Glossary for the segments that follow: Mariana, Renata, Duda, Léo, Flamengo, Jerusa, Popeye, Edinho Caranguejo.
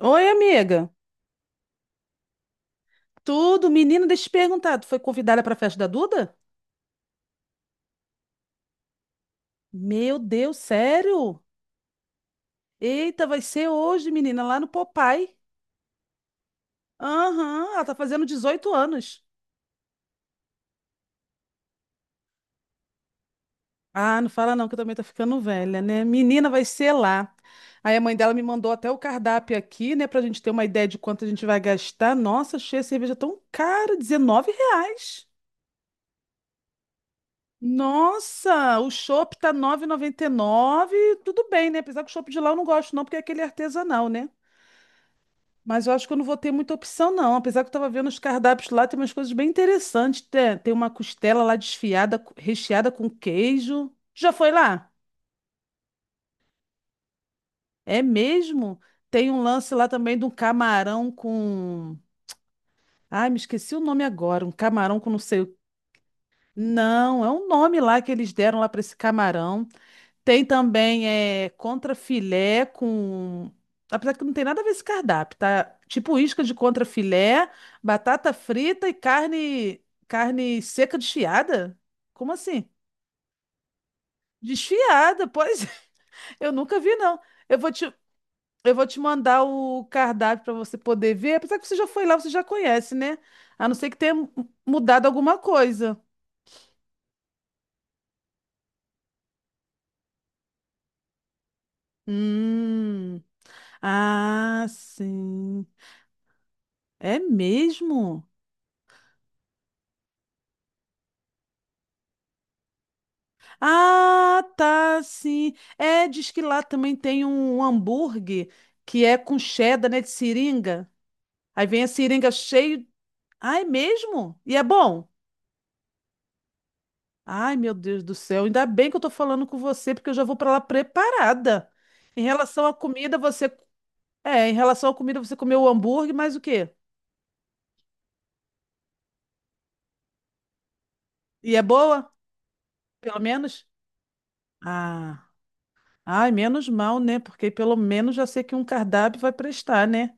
Oi, amiga. Tudo? Menina, deixa eu te perguntar. Tu foi convidada para a festa da Duda? Meu Deus, sério? Eita, vai ser hoje, menina, lá no Popeye. Aham, ela tá fazendo 18 anos. Ah, não fala não, que eu também tô ficando velha, né? Menina, vai ser lá. Aí a mãe dela me mandou até o cardápio aqui, né, pra gente ter uma ideia de quanto a gente vai gastar. Nossa, achei a cerveja tão cara, 19 reais. Nossa, o chopp tá 9,99, tudo bem, né? Apesar que o chopp de lá eu não gosto não, porque é aquele artesanal, né? Mas eu acho que eu não vou ter muita opção não, apesar que eu tava vendo os cardápios lá, tem umas coisas bem interessantes. Tem uma costela lá desfiada, recheada com queijo. Já foi lá? É mesmo? Tem um lance lá também de um camarão com... Ai, me esqueci o nome agora, um camarão com não sei o... Não, é um nome lá que eles deram lá para esse camarão. Tem também é, contrafilé com. Apesar que não tem nada a ver esse cardápio, tá? Tipo isca de contrafilé, batata frita e carne seca desfiada? Como assim? Desfiada, pois é. eu nunca vi, não. Eu vou te, eu vou te mandar o cardápio para você poder ver. Apesar que você já foi lá, você já conhece, né? A não ser que tenha mudado alguma coisa. Hum. Ah, sim. É mesmo? Ah, tá, sim. É, diz que lá também tem um hambúrguer que é com cheddar, né, de seringa. Aí vem a seringa cheio. Ai, mesmo? E é bom? Ai, meu Deus do céu. Ainda bem que eu tô falando com você, porque eu já vou para lá preparada. Em relação à comida, você... É, em relação à comida, você comeu o hambúrguer, mas o quê? E é boa? Pelo menos? Ah, ai, menos mal, né? Porque pelo menos já sei que um cardápio vai prestar, né?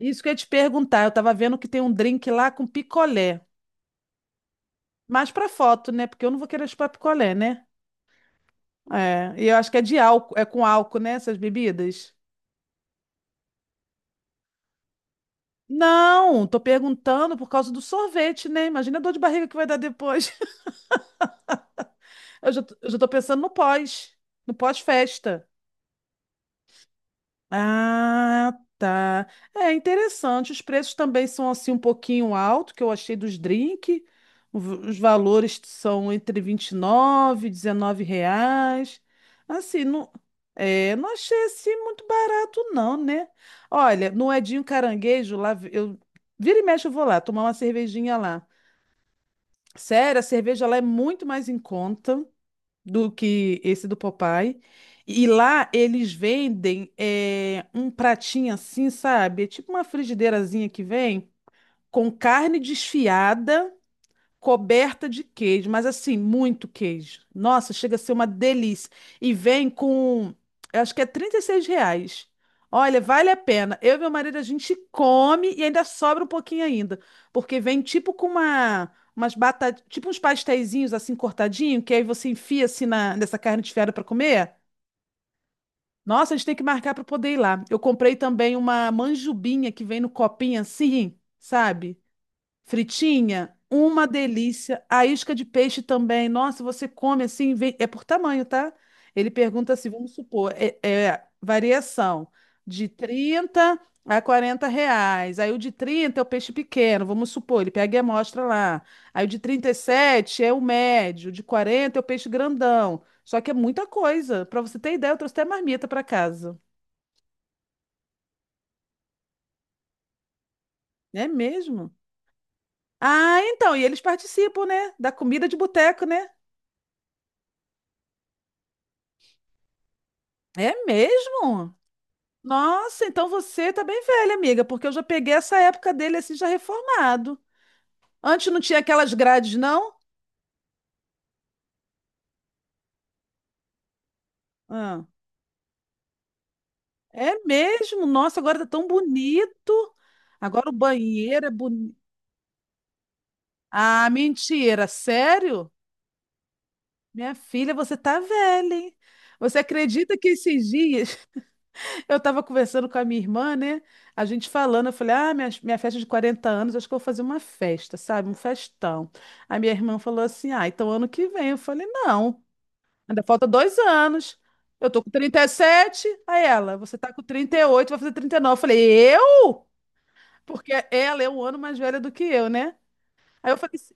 Isso que eu ia te perguntar. Eu tava vendo que tem um drink lá com picolé. Mas pra foto, né? Porque eu não vou querer chupar picolé, né? É. E eu acho que é de álcool, é com álcool, né? Essas bebidas. Não, tô perguntando por causa do sorvete, né? Imagina a dor de barriga que vai dar depois. Eu já tô pensando no pós-festa. Ah, tá. É interessante. Os preços também são assim um pouquinho alto, que eu achei dos drink. Os valores são entre 29, e 19 reais. Assim, não, é, não achei assim muito barato não, né? Olha, no Edinho Caranguejo, eu vira e mexe eu vou lá tomar uma cervejinha lá. Sério, a cerveja lá é muito mais em conta do que esse do Popeye. E lá eles vendem um pratinho assim, sabe? É tipo uma frigideirazinha que vem com carne desfiada coberta de queijo, mas assim, muito queijo. Nossa, chega a ser uma delícia. E vem com, eu acho que é 36 reais. Olha, vale a pena. Eu e meu marido, a gente come e ainda sobra um pouquinho ainda, porque vem tipo com umas batatas, tipo uns pasteizinhos assim cortadinho, que aí você enfia assim nessa carne desfiada para comer. Nossa, a gente tem que marcar para poder ir lá. Eu comprei também uma manjubinha que vem no copinho assim, sabe? Fritinha, uma delícia. A isca de peixe também. Nossa, você come assim, é por tamanho, tá? Ele pergunta assim, vamos supor, é variação de 30 a 40 reais. Aí o de 30 é o peixe pequeno, vamos supor, ele pega e mostra lá. Aí o de 37 é o médio, o de 40 é o peixe grandão. Só que é muita coisa. Para você ter ideia, eu trouxe até marmita para casa. É mesmo? Ah, então, e eles participam, né? Da comida de boteco, né? É mesmo? Nossa, então você tá bem velha, amiga, porque eu já peguei essa época dele assim, já reformado. Antes não tinha aquelas grades, não? Ah, é mesmo? Nossa, agora tá tão bonito. Agora o banheiro é bonito. Ah, mentira, sério? Minha filha, você tá velha, hein? Você acredita que esses dias eu tava conversando com a minha irmã, né? A gente falando, eu falei, ah, minha festa de 40 anos, acho que eu vou fazer uma festa, sabe? Um festão. A minha irmã falou assim, ah, então ano que vem. Eu falei, não. Ainda falta 2 anos. Eu tô com 37. Aí ela, você tá com 38, vai fazer 39. Eu falei, eu? Porque ela é um ano mais velha do que eu, né? Aí eu falei, assim,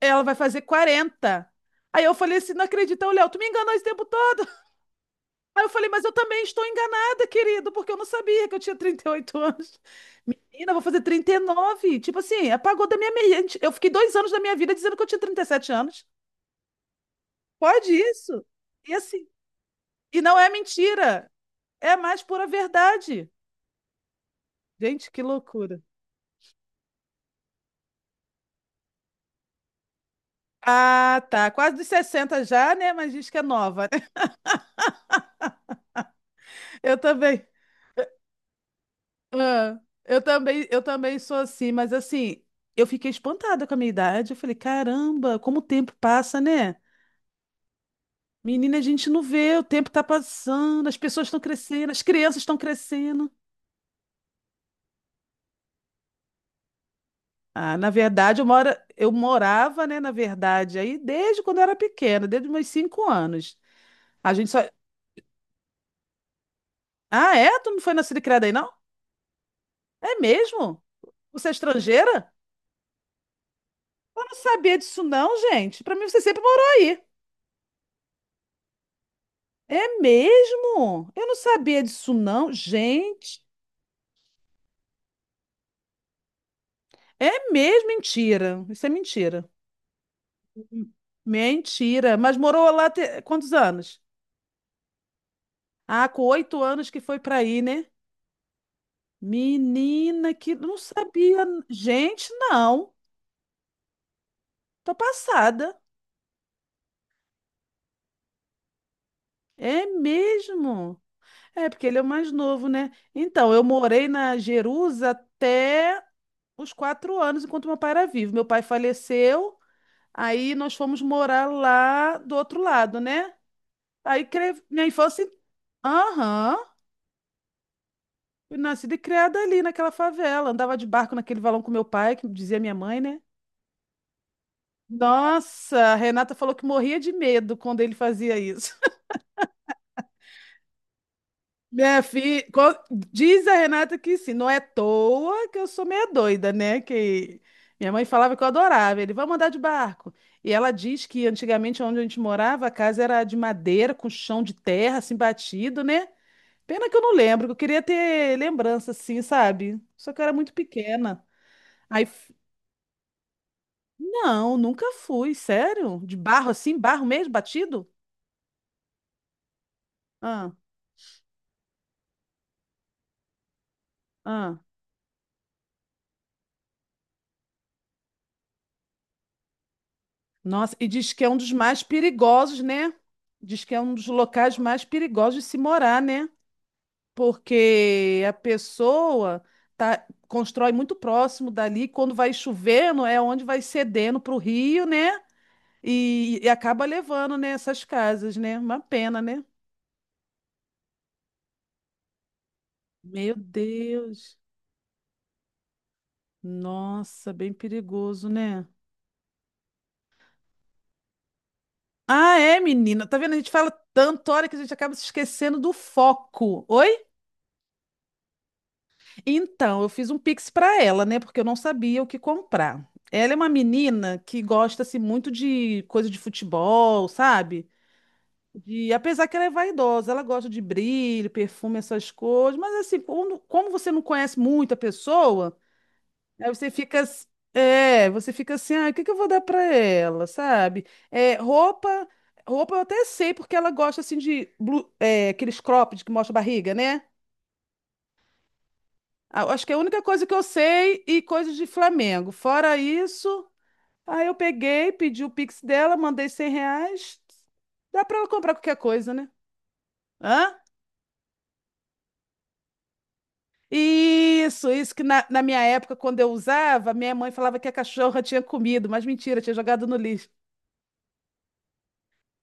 ela vai fazer 40. Aí eu falei assim, não acredita, ô, Léo, tu me enganou esse tempo todo. Aí eu falei, mas eu também estou enganada, querido, porque eu não sabia que eu tinha 38 anos. Menina, eu vou fazer 39. Tipo assim, apagou da minha mente. Eu fiquei 2 anos da minha vida dizendo que eu tinha 37 anos. Pode isso? E assim, e não é mentira. É a mais pura verdade. Gente, que loucura. Ah, tá. Quase dos 60 já, né? Mas diz que é nova. Eu também. Ah, eu também sou assim, mas assim, eu fiquei espantada com a minha idade. Eu falei, caramba, como o tempo passa, né? Menina, a gente não vê, o tempo tá passando, as pessoas estão crescendo, as crianças estão crescendo. Ah, na verdade, eu morava, né, na verdade, aí desde quando eu era pequena, desde meus 5 anos. A gente só. Ah, é? Tu não foi nascida e criada aí, não? É mesmo? Você é estrangeira? Eu não sabia disso não, gente. Para mim você sempre morou aí. É mesmo? Eu não sabia disso não, gente. É mesmo mentira. Isso é mentira. Mentira. Mas morou lá quantos anos? Ah, com 8 anos que foi para aí, né? Menina, que não sabia. Gente, não. Tô passada. É mesmo? É, porque ele é o mais novo, né? Então, eu morei na Jerusa até os 4 anos enquanto meu pai era vivo. Meu pai faleceu, aí nós fomos morar lá do outro lado, né? Minha infância, aham, fui nascida e criada ali naquela favela. Andava de barco naquele valão com meu pai, que dizia minha mãe, né? Nossa, a Renata falou que morria de medo quando ele fazia isso. Minha filha, diz a Renata que sim, não é à toa que eu sou meia doida, né? Que minha mãe falava que eu adorava. Ele, vamos andar de barco. E ela diz que antigamente onde a gente morava, a casa era de madeira, com chão de terra, assim, batido, né? Pena que eu não lembro, que eu queria ter lembrança, assim, sabe? Só que eu era muito pequena. Aí, f- não, nunca fui, sério? De barro assim, barro mesmo, batido? Ah, ah. Nossa, e diz que é um dos mais perigosos, né? Diz que é um dos locais mais perigosos de se morar, né? Porque a pessoa tá, constrói muito próximo dali, quando vai chovendo, é onde vai cedendo para o rio, né? E acaba levando, né, essas casas, né? Uma pena, né? Meu Deus. Nossa, bem perigoso, né? Ah, é, menina. Tá vendo? A gente fala tanto, hora que a gente acaba se esquecendo do foco. Oi? Então, eu fiz um Pix para ela, né? Porque eu não sabia o que comprar. Ela é uma menina que gosta assim, muito de coisa de futebol, sabe? Apesar que ela é vaidosa, ela gosta de brilho, perfume, essas coisas. Mas assim, como você não conhece muito a pessoa, aí você fica assim, ah, o que que eu vou dar para ela, sabe? É, roupa eu até sei porque ela gosta assim de aqueles cropped que mostra a barriga, né? Ah, acho que é a única coisa que eu sei e coisas de Flamengo. Fora isso, aí eu peguei, pedi o Pix dela, mandei 100 reais. Dá para ela comprar qualquer coisa, né? Hã? Isso que na minha época, quando eu usava, minha mãe falava que a cachorra tinha comido, mas mentira, tinha jogado no lixo.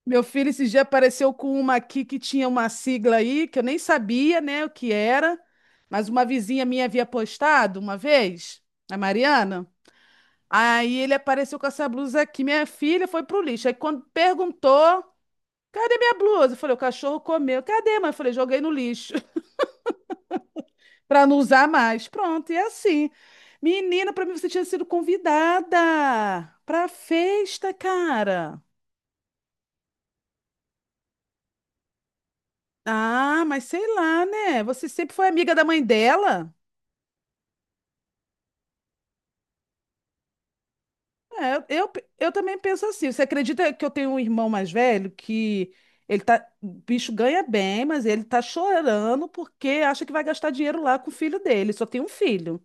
Meu filho esse dia apareceu com uma aqui que tinha uma sigla aí, que eu nem sabia, né, o que era, mas uma vizinha minha havia postado uma vez, a Mariana. Aí ele apareceu com essa blusa aqui. Minha filha foi pro lixo. Aí quando perguntou, cadê minha blusa? Eu falei, o cachorro comeu. Cadê, mãe? Eu falei, joguei no lixo pra não usar mais. Pronto, e é assim. Menina, pra mim você tinha sido convidada pra festa, cara. Ah, mas sei lá, né? Você sempre foi amiga da mãe dela? É, eu também penso assim. Você acredita que eu tenho um irmão mais velho que ele tá, o bicho ganha bem, mas ele tá chorando porque acha que vai gastar dinheiro lá com o filho dele. Só tem um filho.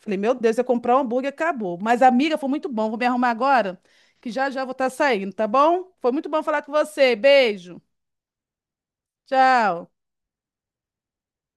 Falei, meu Deus, eu comprar um hambúrguer, acabou. Mas, amiga, foi muito bom. Vou me arrumar agora, que já já vou estar saindo, tá bom? Foi muito bom falar com você. Beijo. Tchau.